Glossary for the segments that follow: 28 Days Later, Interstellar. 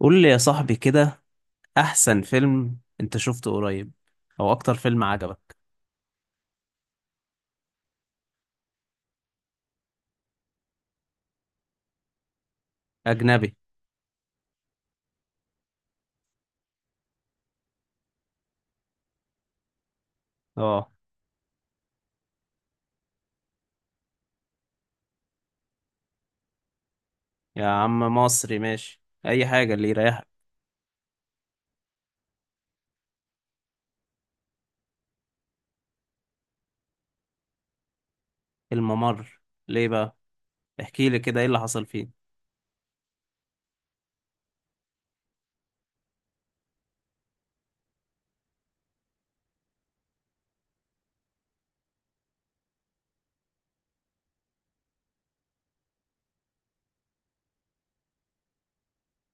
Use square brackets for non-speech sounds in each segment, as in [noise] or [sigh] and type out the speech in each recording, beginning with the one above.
قول لي يا صاحبي كده، احسن فيلم انت شفته قريب او اكتر فيلم عجبك؟ اجنبي. اه، يا عم مصري ماشي اي حاجه اللي يريحك. الممر؟ ليه بقى؟ احكي لي كده ايه اللي حصل فيه.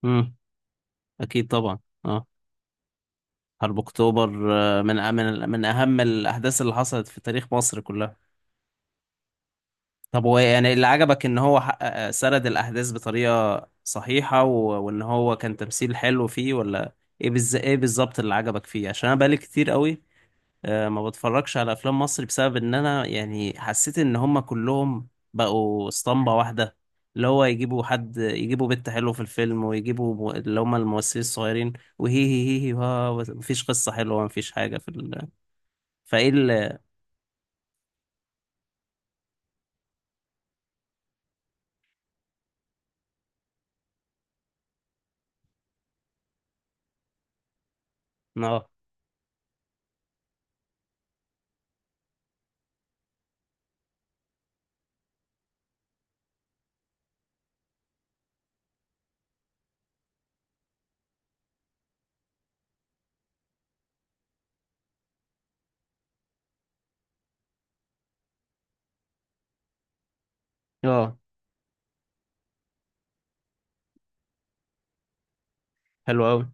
امم. اكيد طبعا. اه. حرب اكتوبر، من أ- من من اهم الاحداث اللي حصلت في تاريخ مصر كلها. طب هو يعني اللي عجبك ان هو حقق سرد الاحداث بطريقه صحيحه وان هو كان تمثيل حلو فيه؟ ولا ايه بالظبط اللي عجبك فيه؟ عشان انا بقالي كتير قوي ما بتفرجش على افلام مصر بسبب ان انا يعني حسيت ان هم كلهم بقوا اسطمبة واحدة، اللي هو يجيبوا حد، يجيبوا بنت حلوة في الفيلم، ويجيبوا اللي هم الممثلين الصغيرين، وهي هي هي هي ها مفيش قصة حلوة، مفيش حاجة في فايه ال... اه، اه، حلو قوي.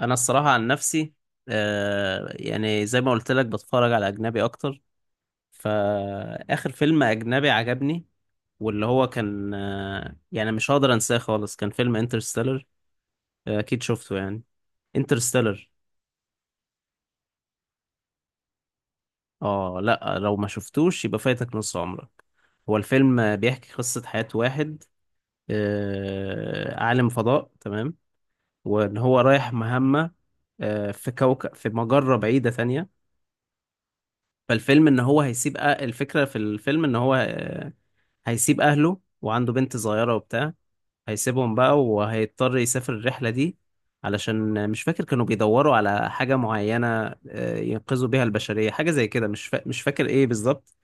انا الصراحة عن نفسي، يعني زي ما قلت لك بتفرج على اجنبي اكتر. فاخر فيلم اجنبي عجبني واللي هو كان، يعني مش هقدر انساه خالص، كان فيلم انترستيلر. اكيد شفته يعني. انترستيلر. اه، لا لو ما شفتوش يبقى فايتك نص عمرك. هو الفيلم بيحكي قصة حياة واحد، عالم فضاء تمام، وان هو رايح مهمة في كوكب في مجرة بعيدة تانية. فالفيلم ان هو هيسيب أه- الفكرة في الفيلم ان هو هيسيب اهله وعنده بنت صغيرة وبتاع. هيسيبهم بقى وهيضطر يسافر الرحلة دي، علشان مش فاكر كانوا بيدوروا على حاجة معينة ينقذوا بيها البشرية، حاجة زي كده، مش فاكر ايه بالظبط.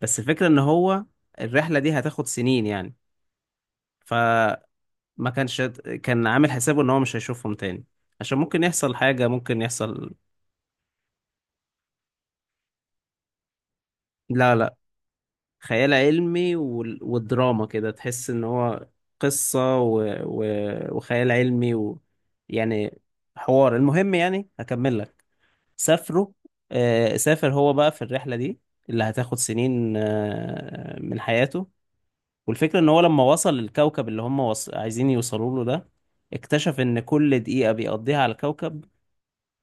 بس الفكرة ان هو الرحلة دي هتاخد سنين يعني. فما كانش كان عامل حسابه ان هو مش هيشوفهم تاني، عشان ممكن يحصل حاجة، ممكن يحصل. لا، لا، خيال علمي والدراما، كده تحس ان هو قصة و... وخيال علمي يعني حوار، المهم يعني هكمل لك. سافروا سافر هو بقى في الرحلة دي اللي هتاخد سنين من حياته. والفكرة ان هو لما وصل للكوكب اللي هم عايزين يوصلوا له ده، اكتشف ان كل دقيقة بيقضيها على الكوكب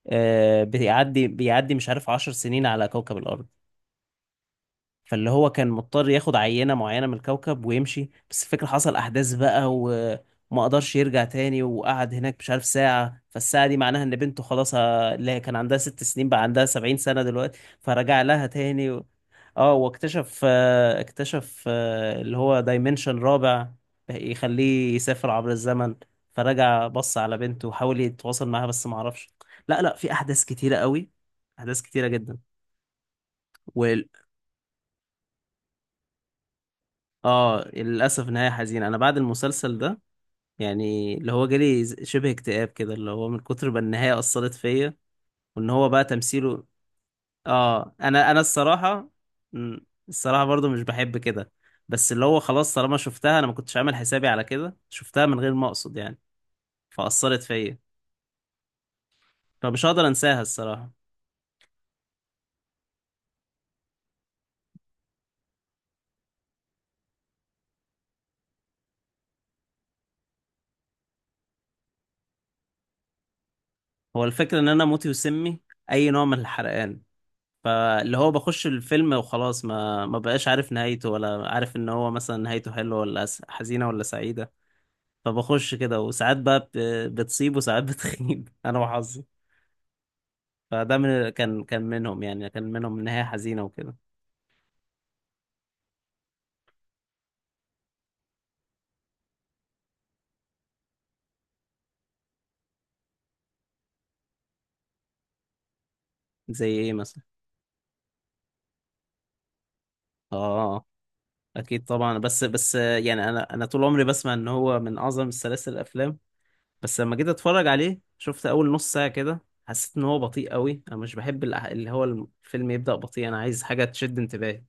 بيعدي مش عارف عشر سنين على كوكب الأرض. فاللي هو كان مضطر ياخد عينة معينة من الكوكب ويمشي. بس الفكرة حصل أحداث بقى وما قدرش يرجع تاني، وقعد هناك مش عارف ساعة، فالساعة دي معناها إن بنته خلاص اللي هي كان عندها ست سنين بقى عندها سبعين سنة دلوقتي، فرجع لها تاني اه، واكتشف آه، اكتشف اللي هو دايمنشن رابع، يخليه يسافر عبر الزمن. فرجع بص على بنته وحاول يتواصل معاها بس ما عرفش. لا، لا، في أحداث كتيرة قوي، أحداث كتيرة جدا. اه، للاسف نهايه حزينه. انا بعد المسلسل ده يعني اللي هو جالي شبه اكتئاب كده، اللي هو من كتر ما النهايه اثرت فيا. وان هو بقى تمثيله. اه، انا الصراحه. الصراحه برضو مش بحب كده. بس اللي هو خلاص، طالما شفتها انا ما كنتش عامل حسابي على كده، شفتها من غير ما اقصد يعني، فاثرت فيا، فمش هقدر انساها الصراحه. هو الفكره ان انا موتي وسمي اي نوع من الحرقان. فاللي هو بخش الفيلم وخلاص، ما بقاش عارف نهايته، ولا عارف ان هو مثلا نهايته حلوه ولا حزينه ولا سعيده. فبخش كده، وساعات بقى بتصيب وساعات بتخيب [laughs] انا وحظي. فده من كان كان منهم يعني، كان منهم نهايه حزينه وكده. زي ايه مثلا؟ اه، اكيد طبعا، بس يعني انا طول عمري بسمع ان هو من اعظم السلاسل الافلام. بس لما جيت اتفرج عليه، شفت اول نص ساعه كده، حسيت ان هو بطيء قوي. انا مش بحب اللي هو الفيلم يبدأ بطيء، انا عايز حاجه تشد انتباهي.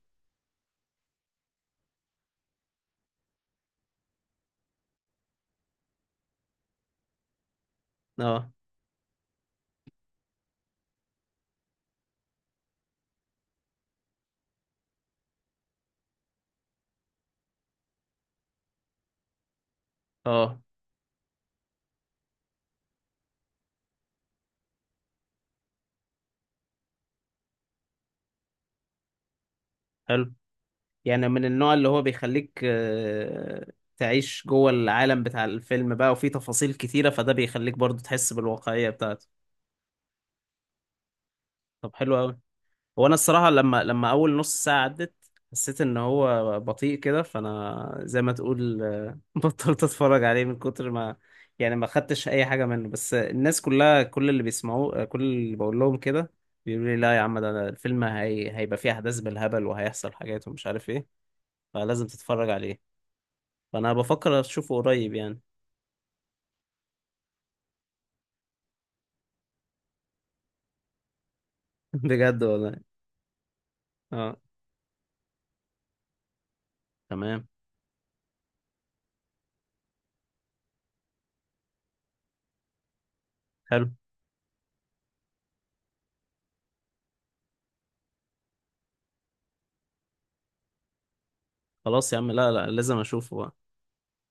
اه، اه، حلو. يعني من النوع اللي هو بيخليك، تعيش جوه العالم بتاع الفيلم بقى، وفيه تفاصيل كتيرة، فده بيخليك برضو تحس بالواقعية بتاعته. طب حلو أوي. هو أنا الصراحة لما أول نص ساعة عدت، حسيت إن هو بطيء كده، فأنا زي ما تقول [laughs] بطلت أتفرج عليه من كتر ما يعني ما خدتش أي حاجة منه. بس الناس كلها، كل اللي بيسمعوه كل اللي بقول لهم كده، بيقولوا لي لا يا عم ده الفيلم هيبقى فيه أحداث بالهبل وهيحصل حاجات ومش عارف إيه، فلازم تتفرج عليه. فانا بفكر اشوفه قريب يعني. [laughs] بجد والله. اه، تمام، حلو. خلاص يا عم، لا، لا، لازم اشوفه بقى،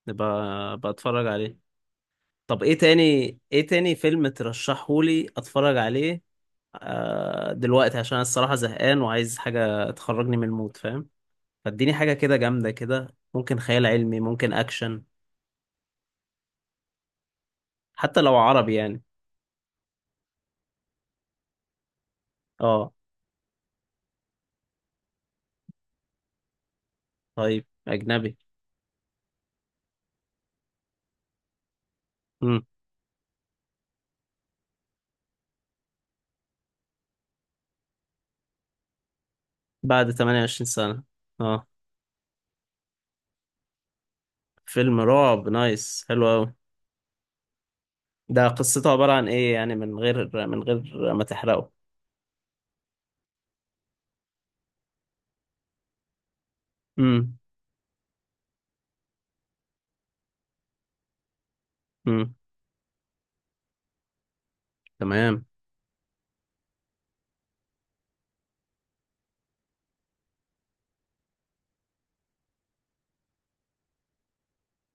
نبقى بتفرج عليه. طب ايه تاني؟ ايه تاني فيلم ترشحهولي اتفرج عليه دلوقتي؟ عشان أنا الصراحة زهقان وعايز حاجة تخرجني من المود، فاهم؟ فاديني حاجة كده جامدة كده، ممكن خيال علمي، ممكن اكشن، حتى لو عربي يعني. اه، طيب اجنبي. امم. بعد 28 سنة. اه، فيلم رعب، نايس، حلو قوي. ده قصته عبارة عن ايه يعني، من غير ما تحرقه؟ امم. امم. تمام.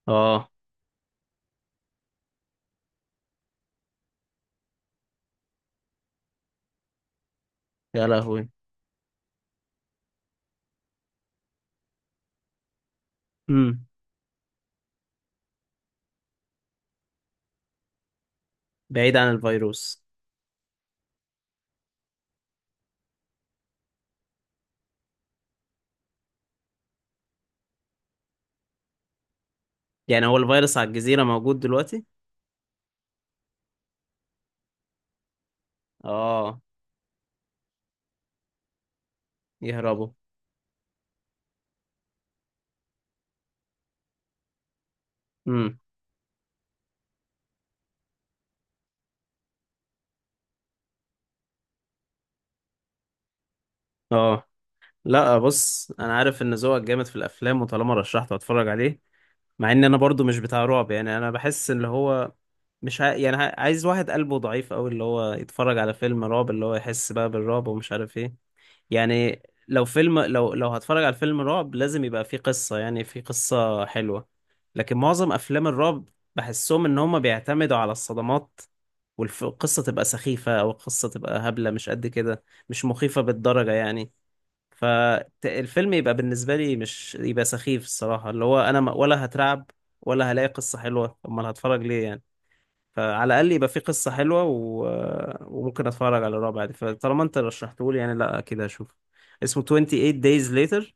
اه، يا لهوي. امم. بعيد عن الفيروس. يعني هو الفيروس على الجزيرة موجود دلوقتي؟ اه. يهربوا. امم. اه، لا، بص انا عارف ان ذوقك جامد في الافلام، وطالما رشحته هتفرج عليه. مع ان انا برضو مش بتاع رعب يعني، انا بحس اللي هو مش ع... يعني عايز واحد قلبه ضعيف قوي اللي هو يتفرج على فيلم رعب، اللي هو يحس بقى بالرعب ومش عارف ايه. يعني لو هتفرج على فيلم رعب، لازم يبقى فيه قصة، يعني فيه قصة حلوة. لكن معظم أفلام الرعب بحسهم إن هما بيعتمدوا على الصدمات، والقصة تبقى سخيفة أو القصة تبقى هبلة، مش قد كده، مش مخيفة بالدرجة يعني. فالفيلم يبقى بالنسبة لي مش يبقى سخيف الصراحة، اللي هو أنا ولا هترعب ولا هلاقي قصة حلوة، أمال هتفرج ليه يعني؟ فعلى الاقل يبقى في قصه حلوه وممكن اتفرج على الرابع دي. فطالما انت رشحته لي يعني، لا اكيد هشوف. اسمه 28 days later.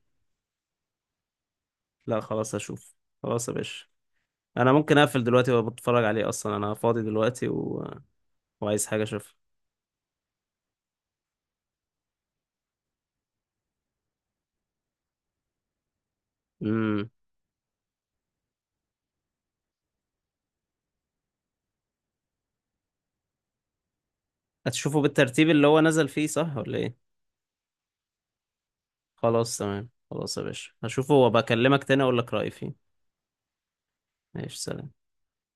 لا خلاص هشوف. خلاص يا باشا، انا ممكن اقفل دلوقتي وبتفرج عليه، اصلا انا فاضي دلوقتي وعايز حاجه اشوفها. امم. هتشوفه بالترتيب اللي هو نزل فيه، صح ولا ايه؟ خلاص تمام. خلاص يا باشا، هشوفه وبكلمك تاني اقول لك رايي فيه. ماشي، سلام.